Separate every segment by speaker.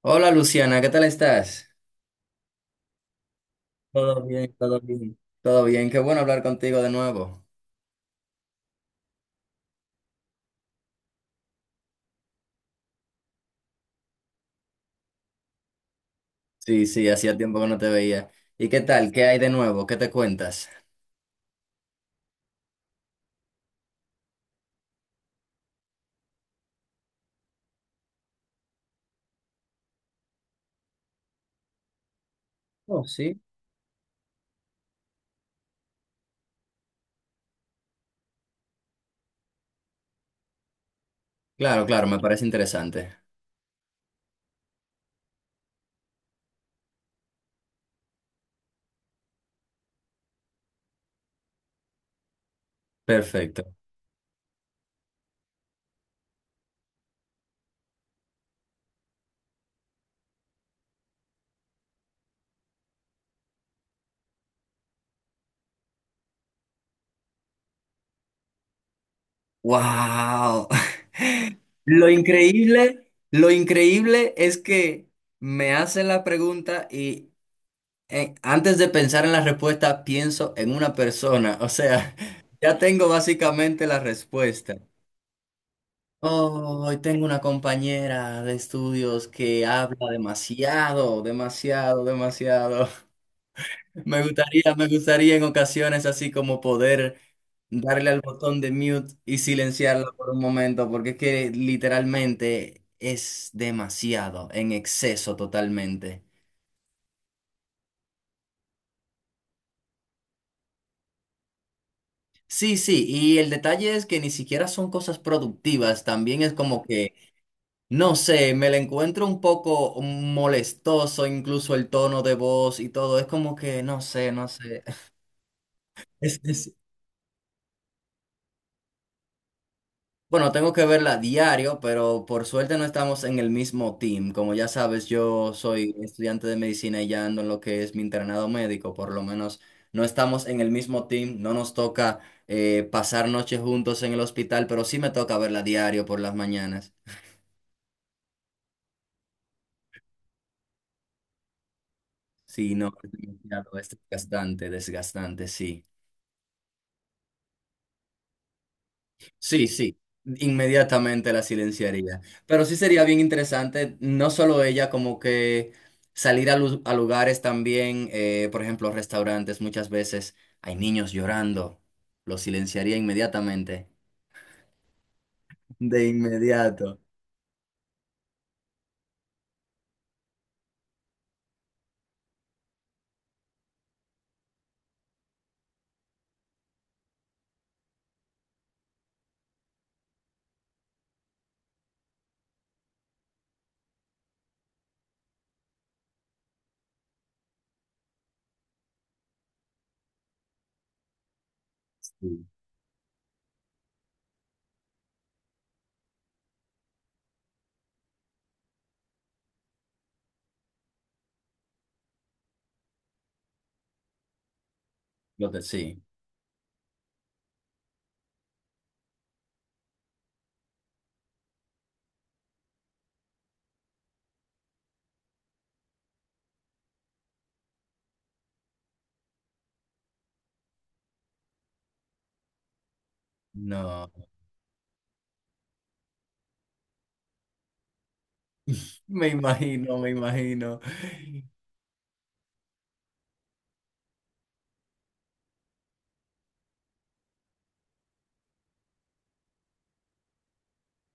Speaker 1: Hola Luciana, ¿qué tal estás? Todo bien, todo bien. ¿Todo bien? Qué bueno hablar contigo de nuevo. Sí, sí, hacía tiempo que no te veía. ¿Y qué tal? ¿Qué hay de nuevo? ¿Qué te cuentas? Oh, sí. Claro, claro, me parece interesante. Perfecto. ¡Wow! Lo increíble es que me hacen la pregunta y antes de pensar en la respuesta pienso en una persona. O sea, ya tengo básicamente la respuesta. Oh, hoy tengo una compañera de estudios que habla demasiado, demasiado, demasiado. Me gustaría en ocasiones así como poder darle al botón de mute y silenciarla por un momento, porque es que literalmente es demasiado, en exceso totalmente. Sí, sí, y el detalle es que ni siquiera son cosas productivas, también es como que no sé, me la encuentro un poco molestoso, incluso el tono de voz y todo. Es como que, no sé, no sé. Es, es- Bueno, tengo que verla a diario, pero por suerte no estamos en el mismo team. Como ya sabes, yo soy estudiante de medicina y ya ando en lo que es mi internado médico. Por lo menos no estamos en el mismo team, no nos toca pasar noches juntos en el hospital, pero sí me toca verla a diario por las mañanas. Sí, no, es demasiado, es desgastante, desgastante, sí. Sí, sí, inmediatamente la silenciaría. Pero sí sería bien interesante, no solo ella, como que salir a lugares también, por ejemplo, restaurantes, muchas veces hay niños llorando, lo silenciaría inmediatamente. De inmediato. Sí. Sí, no, me imagino, me imagino.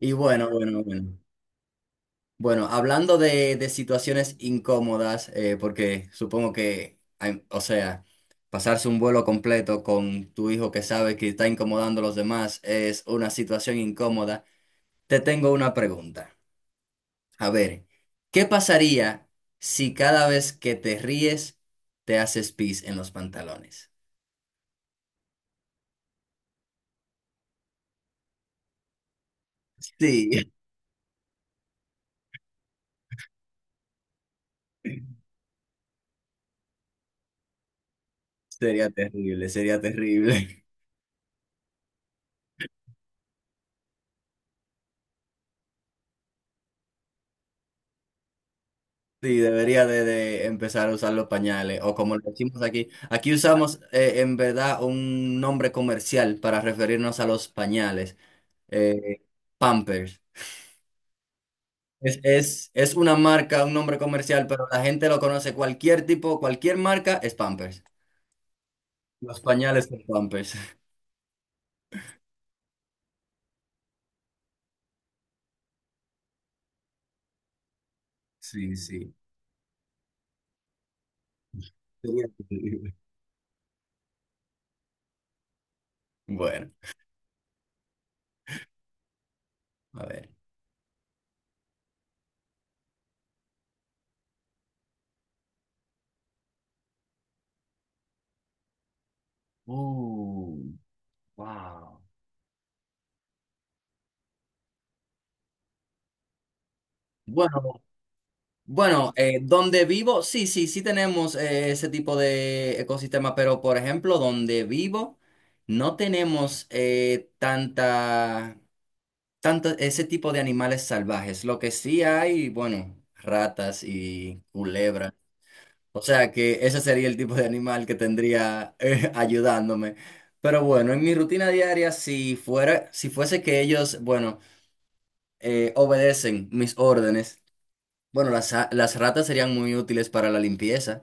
Speaker 1: Y bueno, bueno, bueno. Bueno, hablando de situaciones incómodas, porque supongo que, o sea, pasarse un vuelo completo con tu hijo que sabe que está incomodando a los demás es una situación incómoda, te tengo una pregunta. A ver, ¿qué pasaría si cada vez que te ríes te haces pis en los pantalones? Sí, sería terrible, sería terrible. Sí, debería de empezar a usar los pañales, o como lo decimos aquí. Aquí usamos en verdad un nombre comercial para referirnos a los pañales, eh, Pampers. Es una marca, un nombre comercial, pero la gente lo conoce. Cualquier tipo, cualquier marca es Pampers. Los pañales son Pampers. Sí, sí. Sería increíble. Bueno, a ver. Uh, wow. Bueno, bueno, donde vivo, sí, sí, sí tenemos ese tipo de ecosistema, pero por ejemplo, donde vivo, no tenemos tanto ese tipo de animales salvajes. Lo que sí hay, bueno, ratas y culebras. O sea que ese sería el tipo de animal que tendría ayudándome. Pero bueno, en mi rutina diaria, si fuese que ellos, bueno, obedecen mis órdenes. Bueno, las ratas serían muy útiles para la limpieza,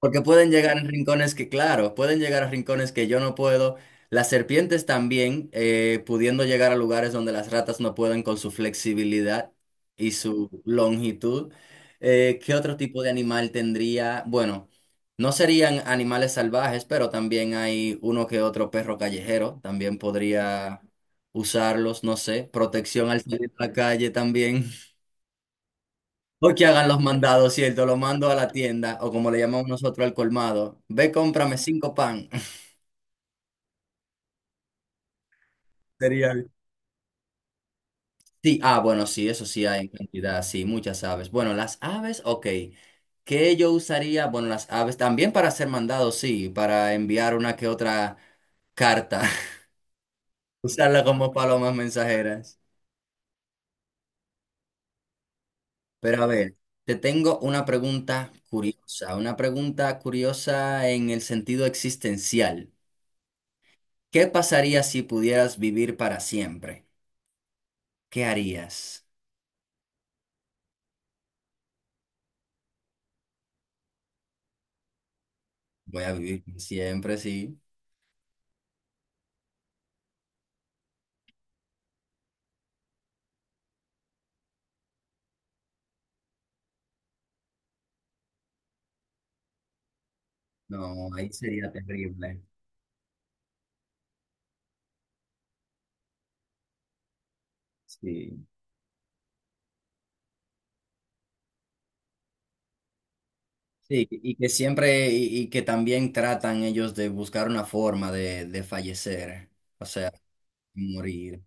Speaker 1: porque pueden llegar a rincones que, claro, pueden llegar a rincones que yo no puedo. Las serpientes también, pudiendo llegar a lugares donde las ratas no pueden con su flexibilidad y su longitud. ¿Qué otro tipo de animal tendría? Bueno, no serían animales salvajes, pero también hay uno que otro perro callejero, también podría usarlos, no sé, protección al salir a la calle también. O que hagan los mandados, ¿cierto? Lo mando a la tienda, o como le llamamos nosotros al colmado. Ve, cómprame cinco pan. Sería. Sí, ah, bueno, sí, eso sí hay en cantidad, sí, muchas aves. Bueno, las aves, ok. ¿Qué yo usaría? Bueno, las aves también para hacer mandados, sí, para enviar una que otra carta, usarla como palomas mensajeras. Pero a ver, te tengo una pregunta curiosa en el sentido existencial. ¿Qué pasaría si pudieras vivir para siempre? ¿Qué harías? Voy a vivir como siempre, sí. No, ahí sería terrible. Sí. Sí, y que siempre, y que también tratan ellos de buscar una forma de fallecer, o sea, morir.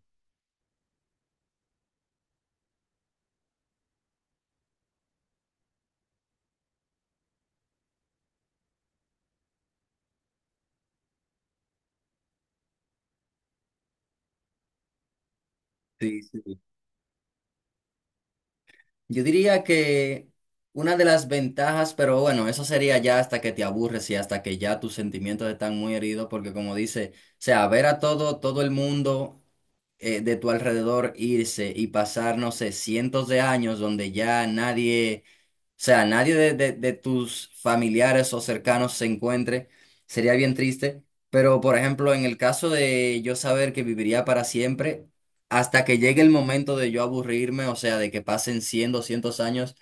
Speaker 1: Sí, sí. Yo diría que una de las ventajas, pero bueno, eso sería ya hasta que te aburres y hasta que ya tus sentimientos están muy heridos, porque como dice, o sea, ver a todo el mundo de tu alrededor irse y pasar, no sé, cientos de años donde ya nadie de tus familiares o cercanos se encuentre, sería bien triste. Pero, por ejemplo, en el caso de yo saber que viviría para siempre, hasta que llegue el momento de yo aburrirme, o sea, de que pasen 100 200 años,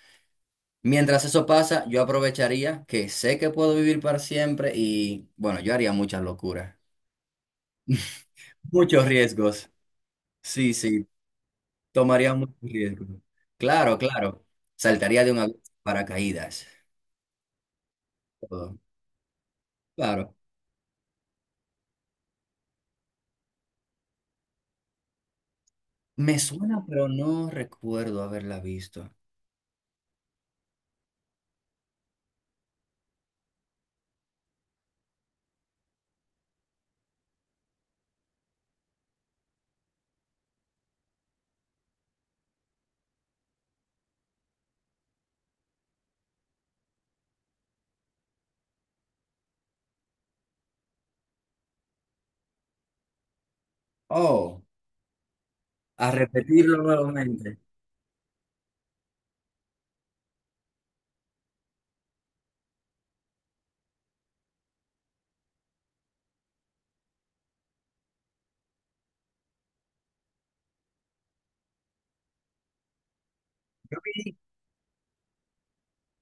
Speaker 1: mientras eso pasa, yo aprovecharía que sé que puedo vivir para siempre y, bueno, yo haría muchas locuras, muchos riesgos. Sí, sí, tomaría muchos riesgos. Claro, claro. Saltaría de un avión sin paracaídas. Todo. Claro. Me suena, pero no recuerdo haberla visto. Oh, a repetirlo nuevamente. Sí.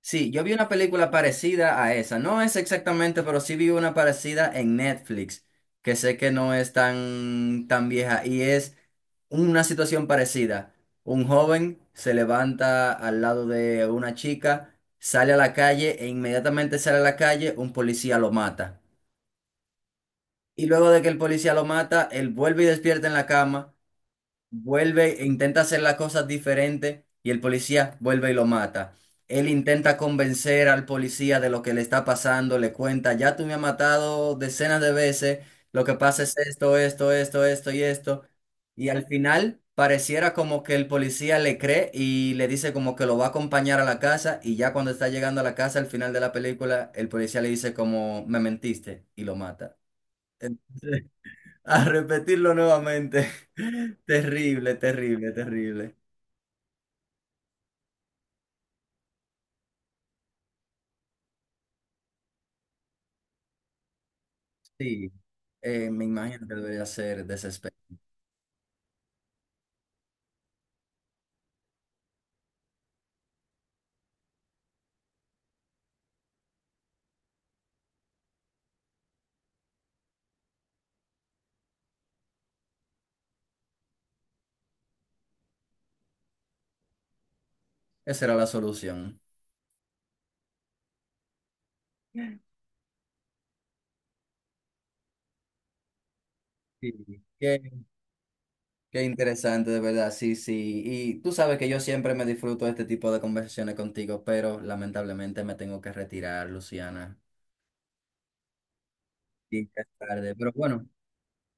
Speaker 1: Sí, yo vi una película parecida a esa. No es exactamente, pero sí vi una parecida en Netflix, que sé que no es tan, tan vieja y es una situación parecida. Un joven se levanta al lado de una chica, sale a la calle e inmediatamente sale a la calle, un policía lo mata. Y luego de que el policía lo mata, él vuelve y despierta en la cama. Vuelve e intenta hacer las cosas diferentes y el policía vuelve y lo mata. Él intenta convencer al policía de lo que le está pasando, le cuenta, ya tú me has matado decenas de veces, lo que pasa es esto, esto, esto, esto y esto. Y al final pareciera como que el policía le cree y le dice como que lo va a acompañar a la casa y ya cuando está llegando a la casa al final de la película, el policía le dice como me mentiste y lo mata. A repetirlo nuevamente. Terrible, terrible, terrible. Sí, me imagino que debería ser desespero. Esa era la solución. Sí, qué interesante, de verdad. Sí, sí. Y tú sabes que yo siempre me disfruto de este tipo de conversaciones contigo, pero lamentablemente me tengo que retirar, Luciana. Sí, ya es tarde. Pero bueno,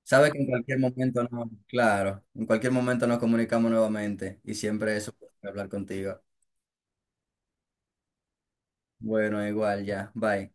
Speaker 1: sabes que en cualquier momento no, claro, en cualquier momento nos comunicamos nuevamente y siempre eso, hablar contigo. Bueno, igual, ya. Bye.